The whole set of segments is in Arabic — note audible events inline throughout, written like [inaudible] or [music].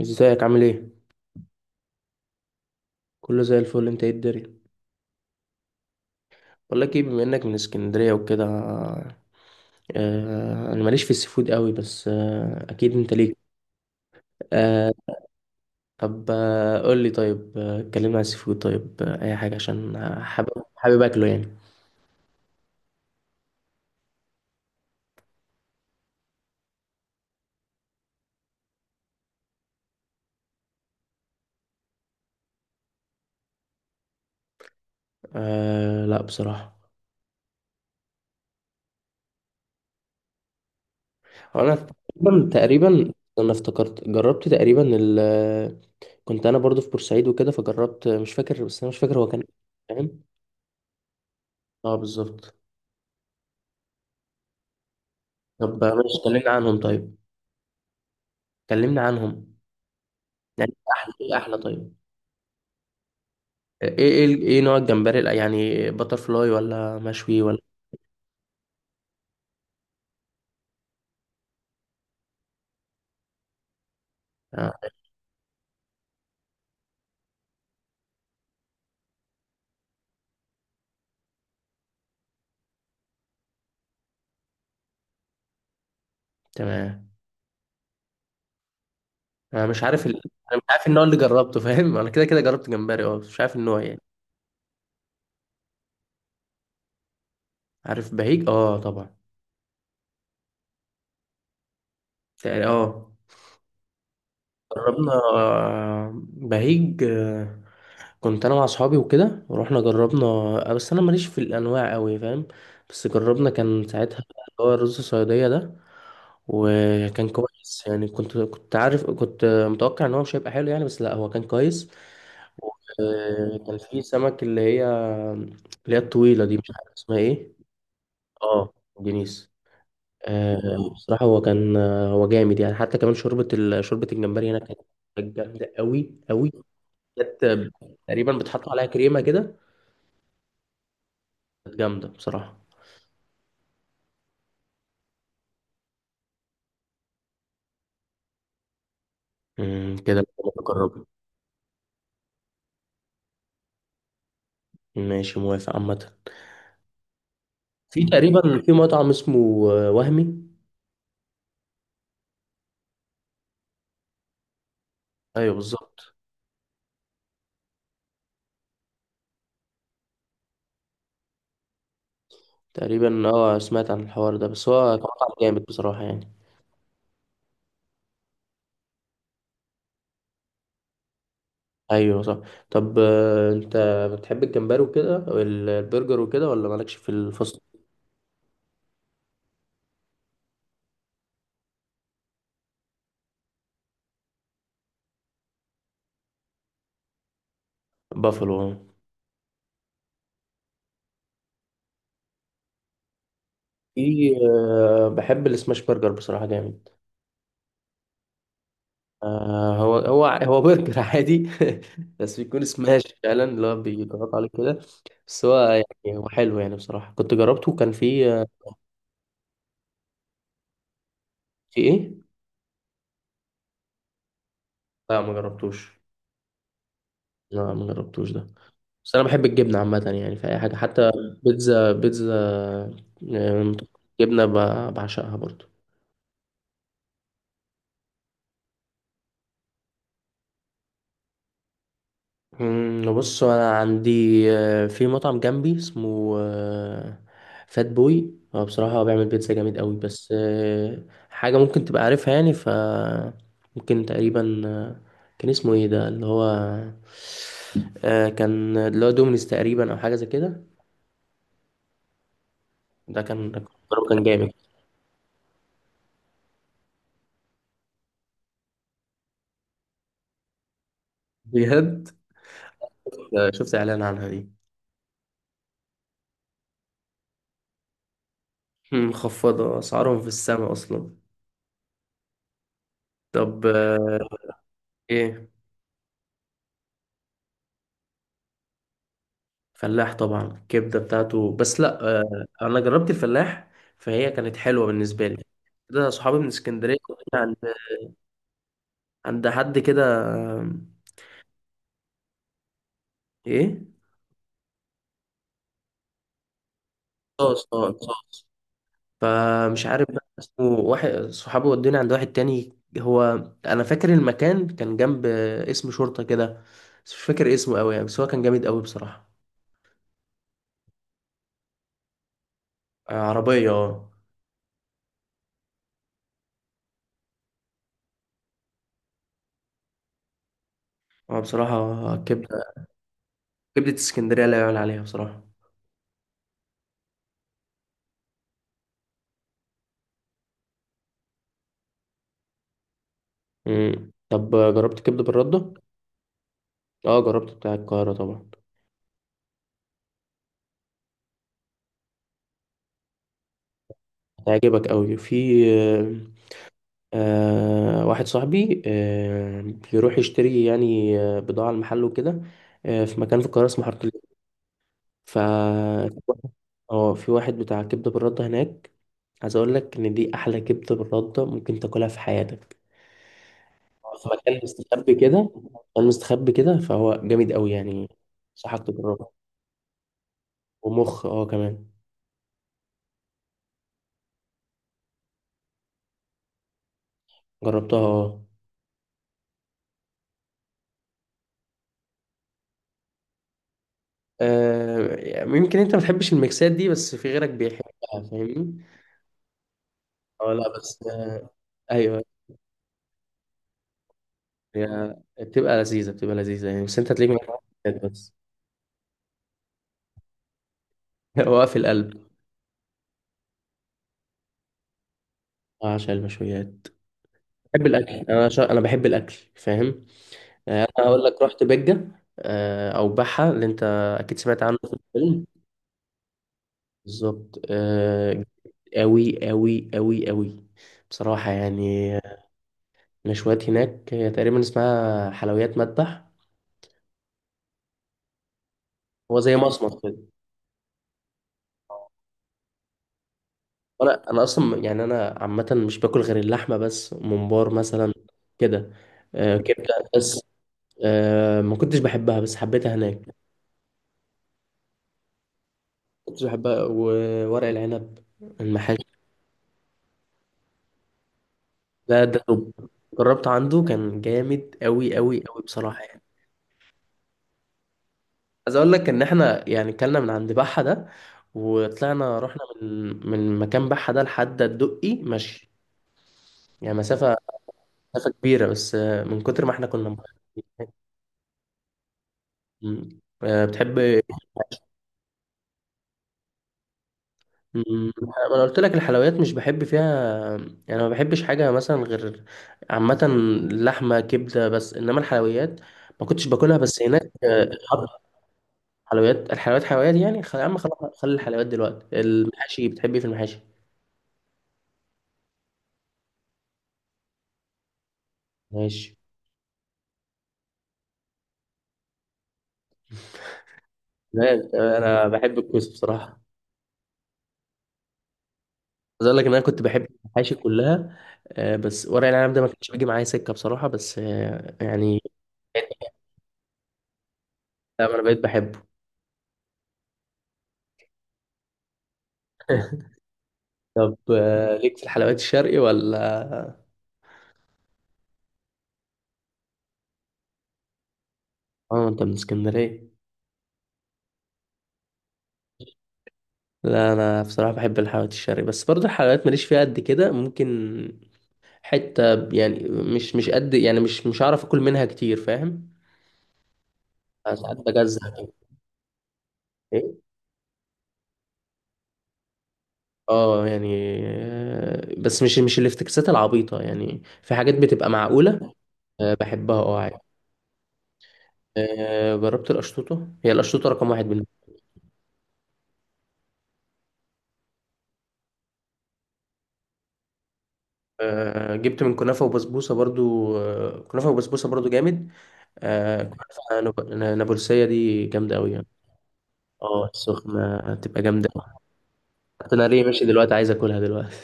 ازيك؟ عامل ايه؟ كله زي الفل، انت ايه الدنيا؟ بقول لك ايه، بما انك من اسكندريه وكده، انا ماليش في السيفود قوي، بس اكيد انت ليك. آه. طب، قول لي، طيب اتكلمنا عن السيفود، طيب اي حاجه عشان حابب اكله يعني. آه، لا بصراحه. هو انا، تقريبا تقريبا، انا افتكرت جربت تقريبا ال، كنت انا برضو في بورسعيد وكده، فجربت، مش فاكر، بس انا مش فاكر هو كان إيه، فاهم؟ اه، بالظبط. طب، ماشي، كلمنا عنهم طيب. كلمنا عنهم. يعني احلى ايه؟ احلى، طيب. ايه نوع الجمبري، يعني بتر فلاي ولا مشوي ولا؟ آه. تمام. انا مش عارف ال... انا مش عارف النوع اللي جربته، فاهم؟ انا كده كده جربت جمبري، اه، بس مش عارف النوع يعني. عارف بهيج، اه طبعا. تقريبا اه. جربنا، بهيج، كنت انا مع اصحابي وكده، ورحنا جربنا، بس انا ماليش في الانواع قوي، فاهم؟ بس جربنا، كان ساعتها اللي هو الرز الصياديه ده. وكان كويس يعني، كنت عارف، كنت متوقع ان هو مش هيبقى حلو يعني، بس لا، هو كان كويس. وكان في سمك اللي هي، اللي هي الطويله دي، مش عارف اسمها ايه. اه، دينيس، آه، بصراحه هو كان، هو جامد يعني. حتى كمان شوربه شوربه الجمبري هناك كانت جامده قوي قوي. كانت تقريبا بتحط عليها كريمه كده. كانت جامدة بصراحة. كده متقربة. ماشي، موافق عامة. في تقريبا، في مطعم اسمه وهمي. ايوه، بالظبط. تقريبا اه، سمعت عن الحوار ده، بس هو كان مطعم جامد بصراحة يعني. ايوه، صح. طب، انت بتحب الجمبري وكده، البرجر وكده، ولا مالكش في الفصل؟ بافلو، آه. في، بحب السماش برجر بصراحة، جامد. هو برجر عادي. [laughs] بس بيكون سماش فعلا، اللي هو بيضغط عليه كده. بس هو، يعني هو حلو يعني، بصراحة كنت جربته كان فيه. في ايه؟ لا، ما جربتوش. لا، ما جربتوش ده. بس انا بحب الجبنة عامة، يعني في اي حاجة، حتى بيتزا بيتزا، آه، جبنة بعشقها برضو. بص، انا عندي في مطعم جنبي اسمه فات بوي. هو بصراحة هو بيعمل بيتزا جامد قوي، بس حاجة ممكن تبقى عارفها يعني، ف، ممكن تقريبا، كان اسمه ايه ده اللي هو، كان اللي هو دومينيز تقريبا، او حاجة زي كده. ده كان جامد، بجد. شفت اعلان عنها دي. مخفضة، اسعارهم في السماء اصلا. طب، ايه؟ فلاح طبعا، الكبده بتاعته، بس لا، انا جربت الفلاح، فهي كانت حلوه بالنسبه لي. ده صحابي من اسكندريه، كنا عند، عند حد كده، آه، ايه؟ صوص، اه صوص. فمش عارف بقى اسمه. واحد صحابي ودوني عند واحد تاني. هو، انا فاكر المكان كان جنب، اسم شرطه كده، بس مش فاكر اسمه قوي يعني، بس هو كان جامد قوي بصراحه. عربيه، اه. بصراحه، كبده اسكندريه لا يعلى عليها بصراحه. مم. طب، جربت كبده بالرده؟ اه، جربت بتاع القاهرة طبعا. هيعجبك قوي، في، واحد صاحبي، بيروح يشتري يعني، بضاعة المحل وكده. في مكان في القاهرة اسمه حارة، ف، اه، في واحد بتاع كبدة بالردة هناك. عايز اقول لك ان دي احلى كبدة بالردة ممكن تاكلها في حياتك. في مكان مستخبي كده، مكان مستخبي كده، فهو جامد قوي يعني. انصحك تجربه. ومخ، اه، كمان. جربتها اه. يمكن انت ما بتحبش الميكسات دي، بس في غيرك بيحبها، فاهمني؟ اه لا، بس ايوه، هي بتبقى لذيذه، بتبقى لذيذه يعني، بس انت هتلاقيك ما بتحبش المشويات بس. [laughs] هو في القلب. عشان المشويات، بحب الاكل، انا انا بحب الاكل، فاهم؟ انا هقول لك، رحت بجه، او بحه، اللي انت اكيد سمعت عنه في الفيلم. بالظبط، أوي أوي أوي أوي، بصراحة يعني. المشويات هناك، هي تقريبا اسمها حلويات مذبح. هو زي مصمت كده. انا اصلا، يعني انا عامه مش باكل غير اللحمه، بس ممبار مثلا، كده. كبده بس. ما كنتش بحبها، بس حبيتها هناك. كنتش بحبها، وورق العنب، المحاشي، ده توب. جربت عنده كان جامد قوي قوي قوي بصراحه يعني. عايز اقول لك ان احنا يعني كلنا من عند بحه ده، وطلعنا رحنا من مكان بحه ده لحد الدقي، ماشي؟ يعني مسافه كبيره، بس من كتر ما احنا كنا مبسوطين. مم. بتحب. مم، انا قلت لك، الحلويات مش بحب فيها، يعني ما بحبش حاجه مثلا، غير، عامه، لحمه، كبده بس، انما الحلويات ما كنتش باكلها، بس هناك، حط، حلويات الحلويات، حلويات يعني، يا عم خلاص، خلي الحلويات دلوقتي، المحاشي، بتحب ايه في المحاشي؟ ماشي. لا، انا بحب الكوسه بصراحه. عايز اقول لك ان انا كنت بحب المحاشي كلها، بس ورق العنب ده ما كانش بيجي معايا سكه بصراحه، بس يعني، لا، انا بقيت بحبه. [laughs] طب، ليك في الحلويات الشرقي، ولا؟ اه، انت من اسكندرية. لا، انا بصراحة بحب الحلويات الشرقي، بس برضه الحلويات ماليش فيها قد كده، ممكن حتة، يعني مش قد، يعني مش هعرف اكل منها كتير، فاهم؟ أنا ساعات بجزع كده. ايه؟ اه، يعني بس مش الافتكاسات العبيطة، يعني في حاجات بتبقى معقولة. بحبها، اه، عادي. جربت القشطوطة، هي القشطوطة رقم واحد بالنسبة لي. جبت من كنافة وبسبوسة برضو، كنافة وبسبوسة برضو جامد. كنافة نابلسية دي جامدة أوي يعني. اه، السخنة هتبقى جامدة أوي. حتى أنا ليه ماشي دلوقتي، عايز أكلها دلوقتي.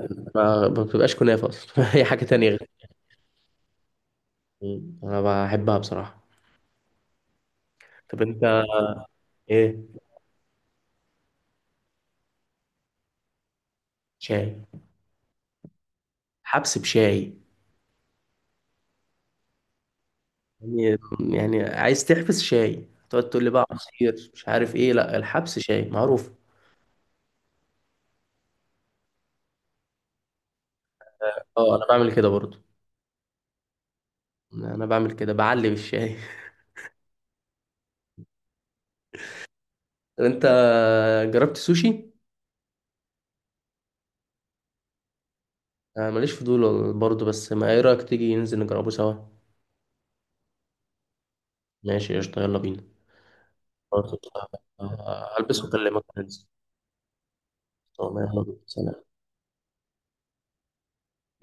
[laughs] ما بتبقاش كنافة أصلا. [laughs] هي حاجة تانية، غير. أنا بحبها بصراحة. طب أنت. إيه؟ شاي. حبس بشاي. يعني يعني عايز تحبس شاي، تقعد تقول لي بقى عصير مش عارف إيه؟ لا، الحبس شاي معروف. اه، أنا بعمل كده برضو. أنا بعمل كده، بعلي بالشاي. [laughs] طب أنت، جربت سوشي؟ أنا ماليش فضول برضو، بس ما إيه رأيك، تيجي ننزل نجربه سوا؟ ماشي، قشطة، يلا بينا. خلاص، قشطة. هلبس وأكلمك ننزل. تمام، يلا بينا، سلام.